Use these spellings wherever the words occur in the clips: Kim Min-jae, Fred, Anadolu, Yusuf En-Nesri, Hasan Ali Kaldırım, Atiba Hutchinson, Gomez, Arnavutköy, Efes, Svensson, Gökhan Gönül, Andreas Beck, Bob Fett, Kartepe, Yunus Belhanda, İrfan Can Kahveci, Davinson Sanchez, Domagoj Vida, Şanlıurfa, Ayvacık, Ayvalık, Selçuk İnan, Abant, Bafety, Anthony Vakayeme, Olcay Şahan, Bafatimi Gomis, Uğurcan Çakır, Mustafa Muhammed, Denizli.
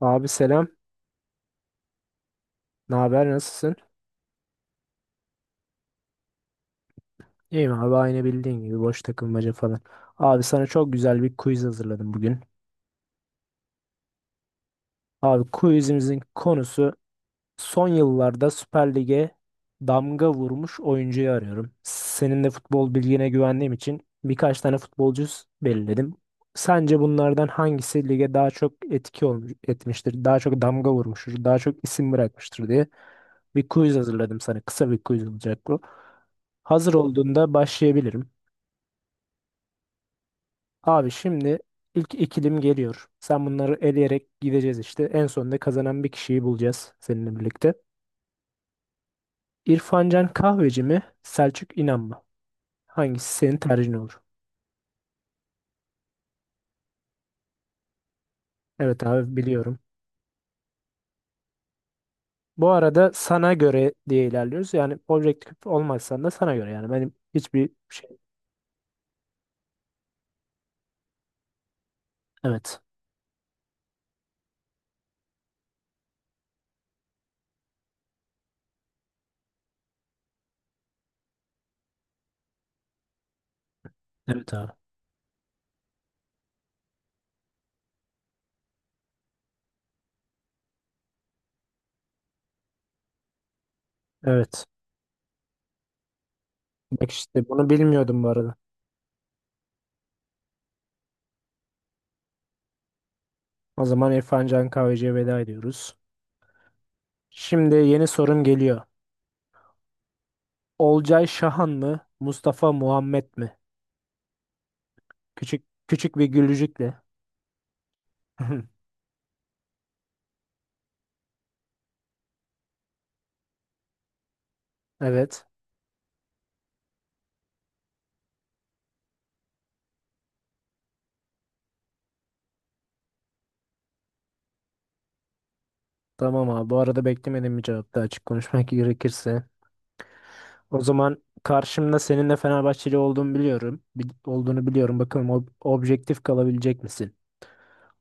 Abi selam. Ne haber? Nasılsın? İyiyim abi aynı bildiğin gibi boş takılmaca falan. Abi sana çok güzel bir quiz hazırladım bugün. Abi quizimizin konusu son yıllarda Süper Lig'e damga vurmuş oyuncuyu arıyorum. Senin de futbol bilgine güvendiğim için birkaç tane futbolcu belirledim. Sence bunlardan hangisi lige daha çok etki olmuş, etmiştir, daha çok damga vurmuştur, daha çok isim bırakmıştır diye bir quiz hazırladım sana. Kısa bir quiz olacak bu. Hazır olduğunda başlayabilirim. Abi şimdi ilk ikilim geliyor. Sen bunları eleyerek gideceğiz işte. En sonunda kazanan bir kişiyi bulacağız seninle birlikte. İrfan Can Kahveci mi? Selçuk İnan mı? Hangisi senin tercihin olur? Evet abi biliyorum. Bu arada sana göre diye ilerliyoruz. Yani objektif olmazsan da sana göre yani. Benim hiçbir şey. Evet. Evet abi. Evet. Bak işte bunu bilmiyordum bu arada. O zaman İrfan Can Kahveci'ye veda ediyoruz. Şimdi yeni sorum geliyor. Olcay Şahan mı? Mustafa Muhammed mi? Küçük küçük bir gülücükle. Evet. Tamam abi. Bu arada beklemedim bir cevap da açık konuşmak gerekirse. O zaman karşımda senin de Fenerbahçeli olduğunu biliyorum. Olduğunu biliyorum. Bakalım objektif kalabilecek misin?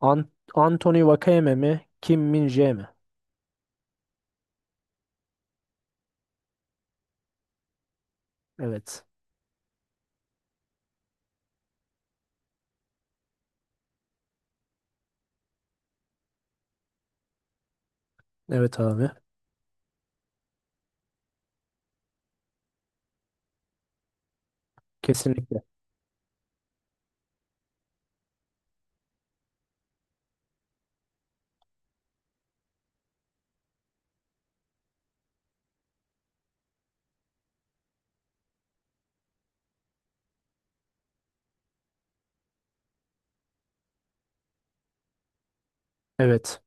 An Anthony Vakayeme mi? Kim Min-jae mi? Evet. Evet abi. Kesinlikle. Evet.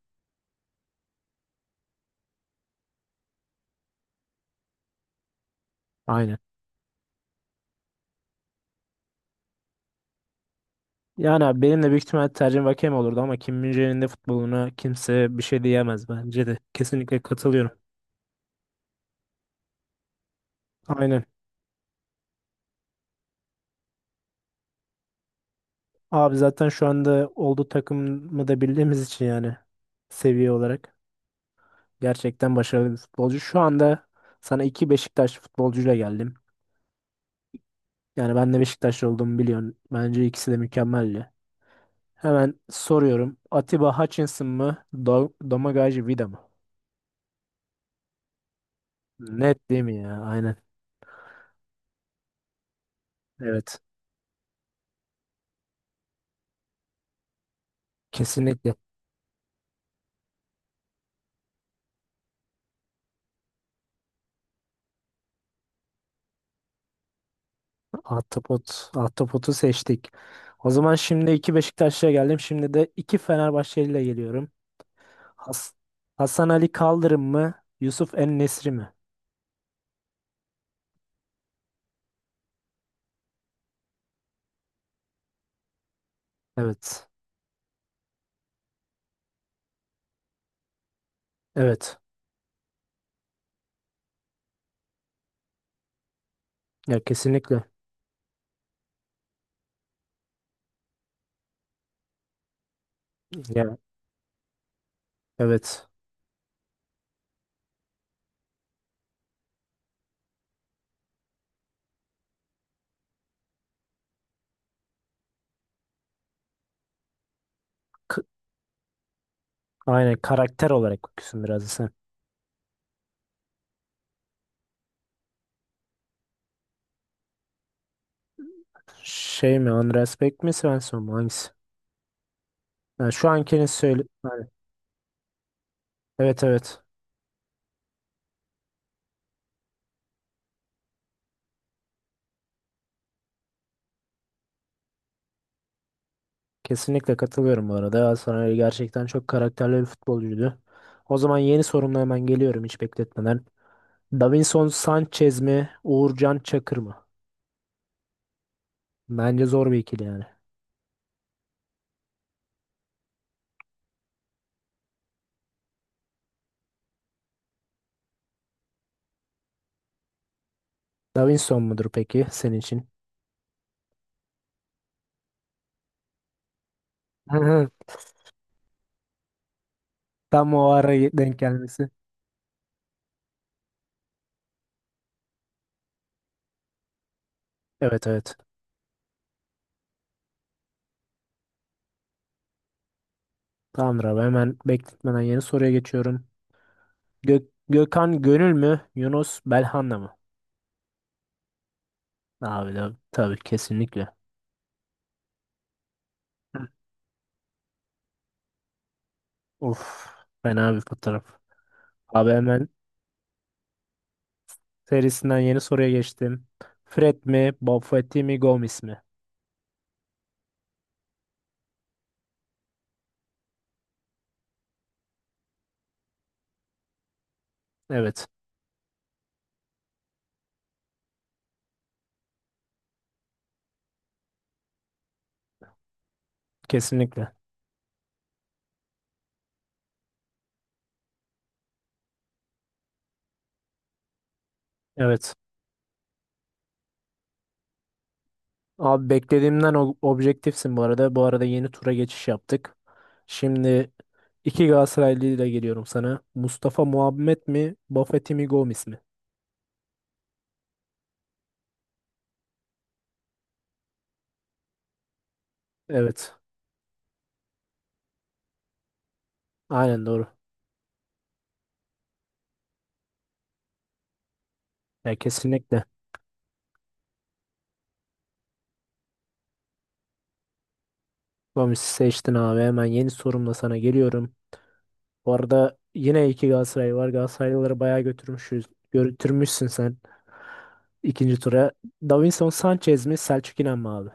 Aynen. Yani abi benim de büyük ihtimal tercihim Vakayeme olurdu ama Kim Min-jae'nin de futboluna kimse bir şey diyemez bence de. Kesinlikle katılıyorum. Aynen. Abi zaten şu anda olduğu takımı da bildiğimiz için yani seviye olarak gerçekten başarılı bir futbolcu. Şu anda sana iki Beşiktaş futbolcuyla geldim. Yani ben de Beşiktaş olduğumu biliyorsun. Bence ikisi de mükemmeldi. Hemen soruyorum. Atiba Hutchinson mı? Domagoj Vida mı? Net değil mi ya? Aynen. Evet. Kesinlikle. Ahtapot. Ahtapot'u seçtik. O zaman şimdi iki Beşiktaşlı'ya geldim. Şimdi de iki Fenerbahçeli'yle geliyorum. Has- Hasan Ali Kaldırım mı? Yusuf En-Nesri mi? Evet. Evet. Ya kesinlikle. Ya evet. K- Aynen karakter olarak bakıyorsun biraz da sen. Şey mi? Andreas Beck mi? Svensson mu? Hangisi? Yani şu ankinin söyle... Aynen. Evet evet. Kesinlikle katılıyorum bu arada. Hasan Ali gerçekten çok karakterli bir futbolcuydu. O zaman yeni sorumla hemen geliyorum hiç bekletmeden. Davinson Sanchez mi? Uğurcan Çakır mı? Bence zor bir ikili yani. Davinson mudur peki senin için? Tam o ara denk gelmesi. Evet evet. Tamamdır abi hemen bekletmeden yeni soruya geçiyorum. Gökhan Gönül mü? Yunus Belhanda mı? Abi de tabii kesinlikle. Hı. Of, fena bir fotoğraf. Abi hemen serisinden yeni soruya geçtim. Fred mi? Bob Fett mi? Gomez mi? Evet kesinlikle. Evet. Abi beklediğimden objektifsin bu arada. Bu arada yeni tura geçiş yaptık. Şimdi iki Galatasaraylı ile geliyorum sana. Mustafa Muhammed mi? Bafety mi? Gomis mi? Evet. Aynen doğru. Ya kesinlikle. Gomis'i seçtin abi. Hemen yeni sorumla sana geliyorum. Bu arada yine iki Galatasaray var. Galatasaraylıları bayağı götürmüşüz. Götürmüşsün sen ikinci tura. Davinson Sanchez mi? Selçuk İnan mı abi?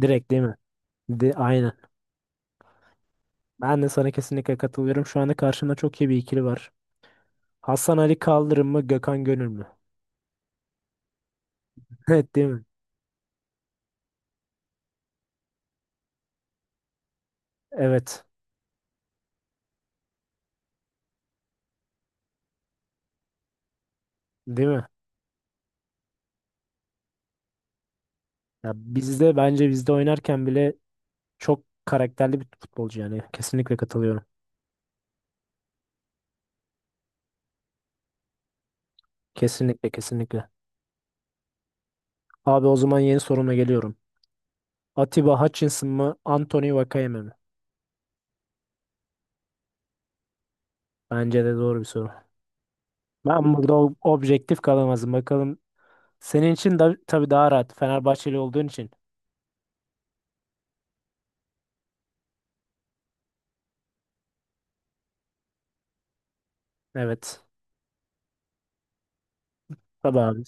Direkt değil mi? De, aynen. Ben de sana kesinlikle katılıyorum. Şu anda karşımda çok iyi bir ikili var. Hasan Ali Kaldırım mı Gökhan Gönül mü? Evet değil mi? Evet. Değil mi? Ya bizde bence bizde oynarken bile çok karakterli bir futbolcu yani. Kesinlikle katılıyorum. Kesinlikle kesinlikle. Abi o zaman yeni soruma geliyorum. Atiba Hutchinson mı Anthony Vakayeme mi? Bence de doğru bir soru. Ben burada objektif kalamazdım. Bakalım senin için da, tabii daha rahat. Fenerbahçeli olduğun için. Evet. Tabii abi.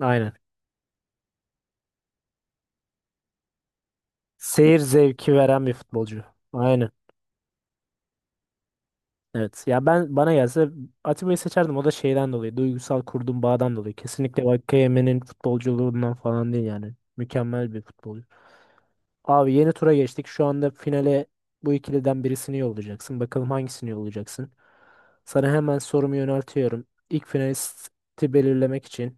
Aynen. Seyir zevki veren bir futbolcu. Aynen. Evet. Ya ben bana gelse Atiba'yı seçerdim. O da şeyden dolayı. Duygusal kurduğum bağdan dolayı. Kesinlikle Vakayeme'nin futbolculuğundan falan değil yani. Mükemmel bir futbolcu. Abi yeni tura geçtik. Şu anda finale bu ikiliden birisini yollayacaksın. Bakalım hangisini yollayacaksın. Sana hemen sorumu yöneltiyorum. İlk finalisti belirlemek için.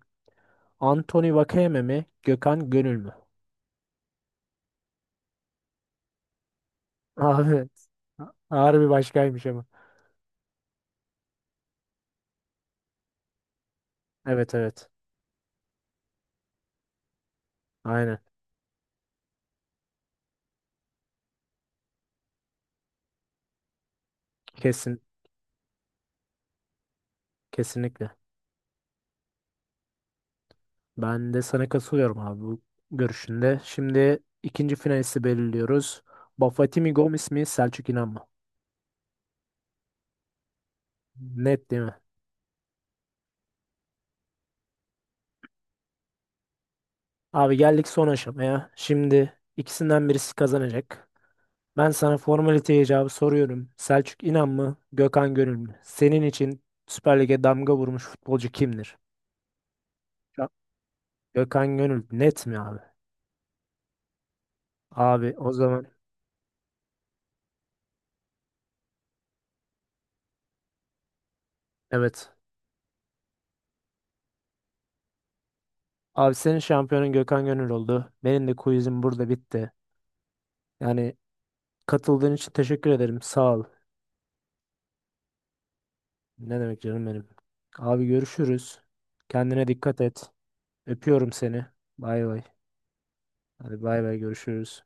Anthony Vakayeme mi? Gökhan Gönül mü? Abi ağır bir başkaymış ama. Evet evet. Aynen. Kesin. Kesinlikle. Ben de sana katılıyorum abi bu görüşünde. Şimdi ikinci finalisti belirliyoruz. Bafatimi Gomis mi Selçuk İnan mı? Net değil mi? Abi geldik son aşamaya. Şimdi ikisinden birisi kazanacak. Ben sana formalite icabı soruyorum. Selçuk İnan mı Gökhan Gönül mü? Senin için Süper Lig'e damga vurmuş futbolcu kimdir? Ya- Gökhan Gönül net mi abi? Abi o zaman evet. Abi senin şampiyonun Gökhan Gönül oldu. Benim de quizim burada bitti. Yani katıldığın için teşekkür ederim. Sağ ol. Ne demek canım benim. Abi görüşürüz. Kendine dikkat et. Öpüyorum seni. Bay bay. Hadi bay bay görüşürüz.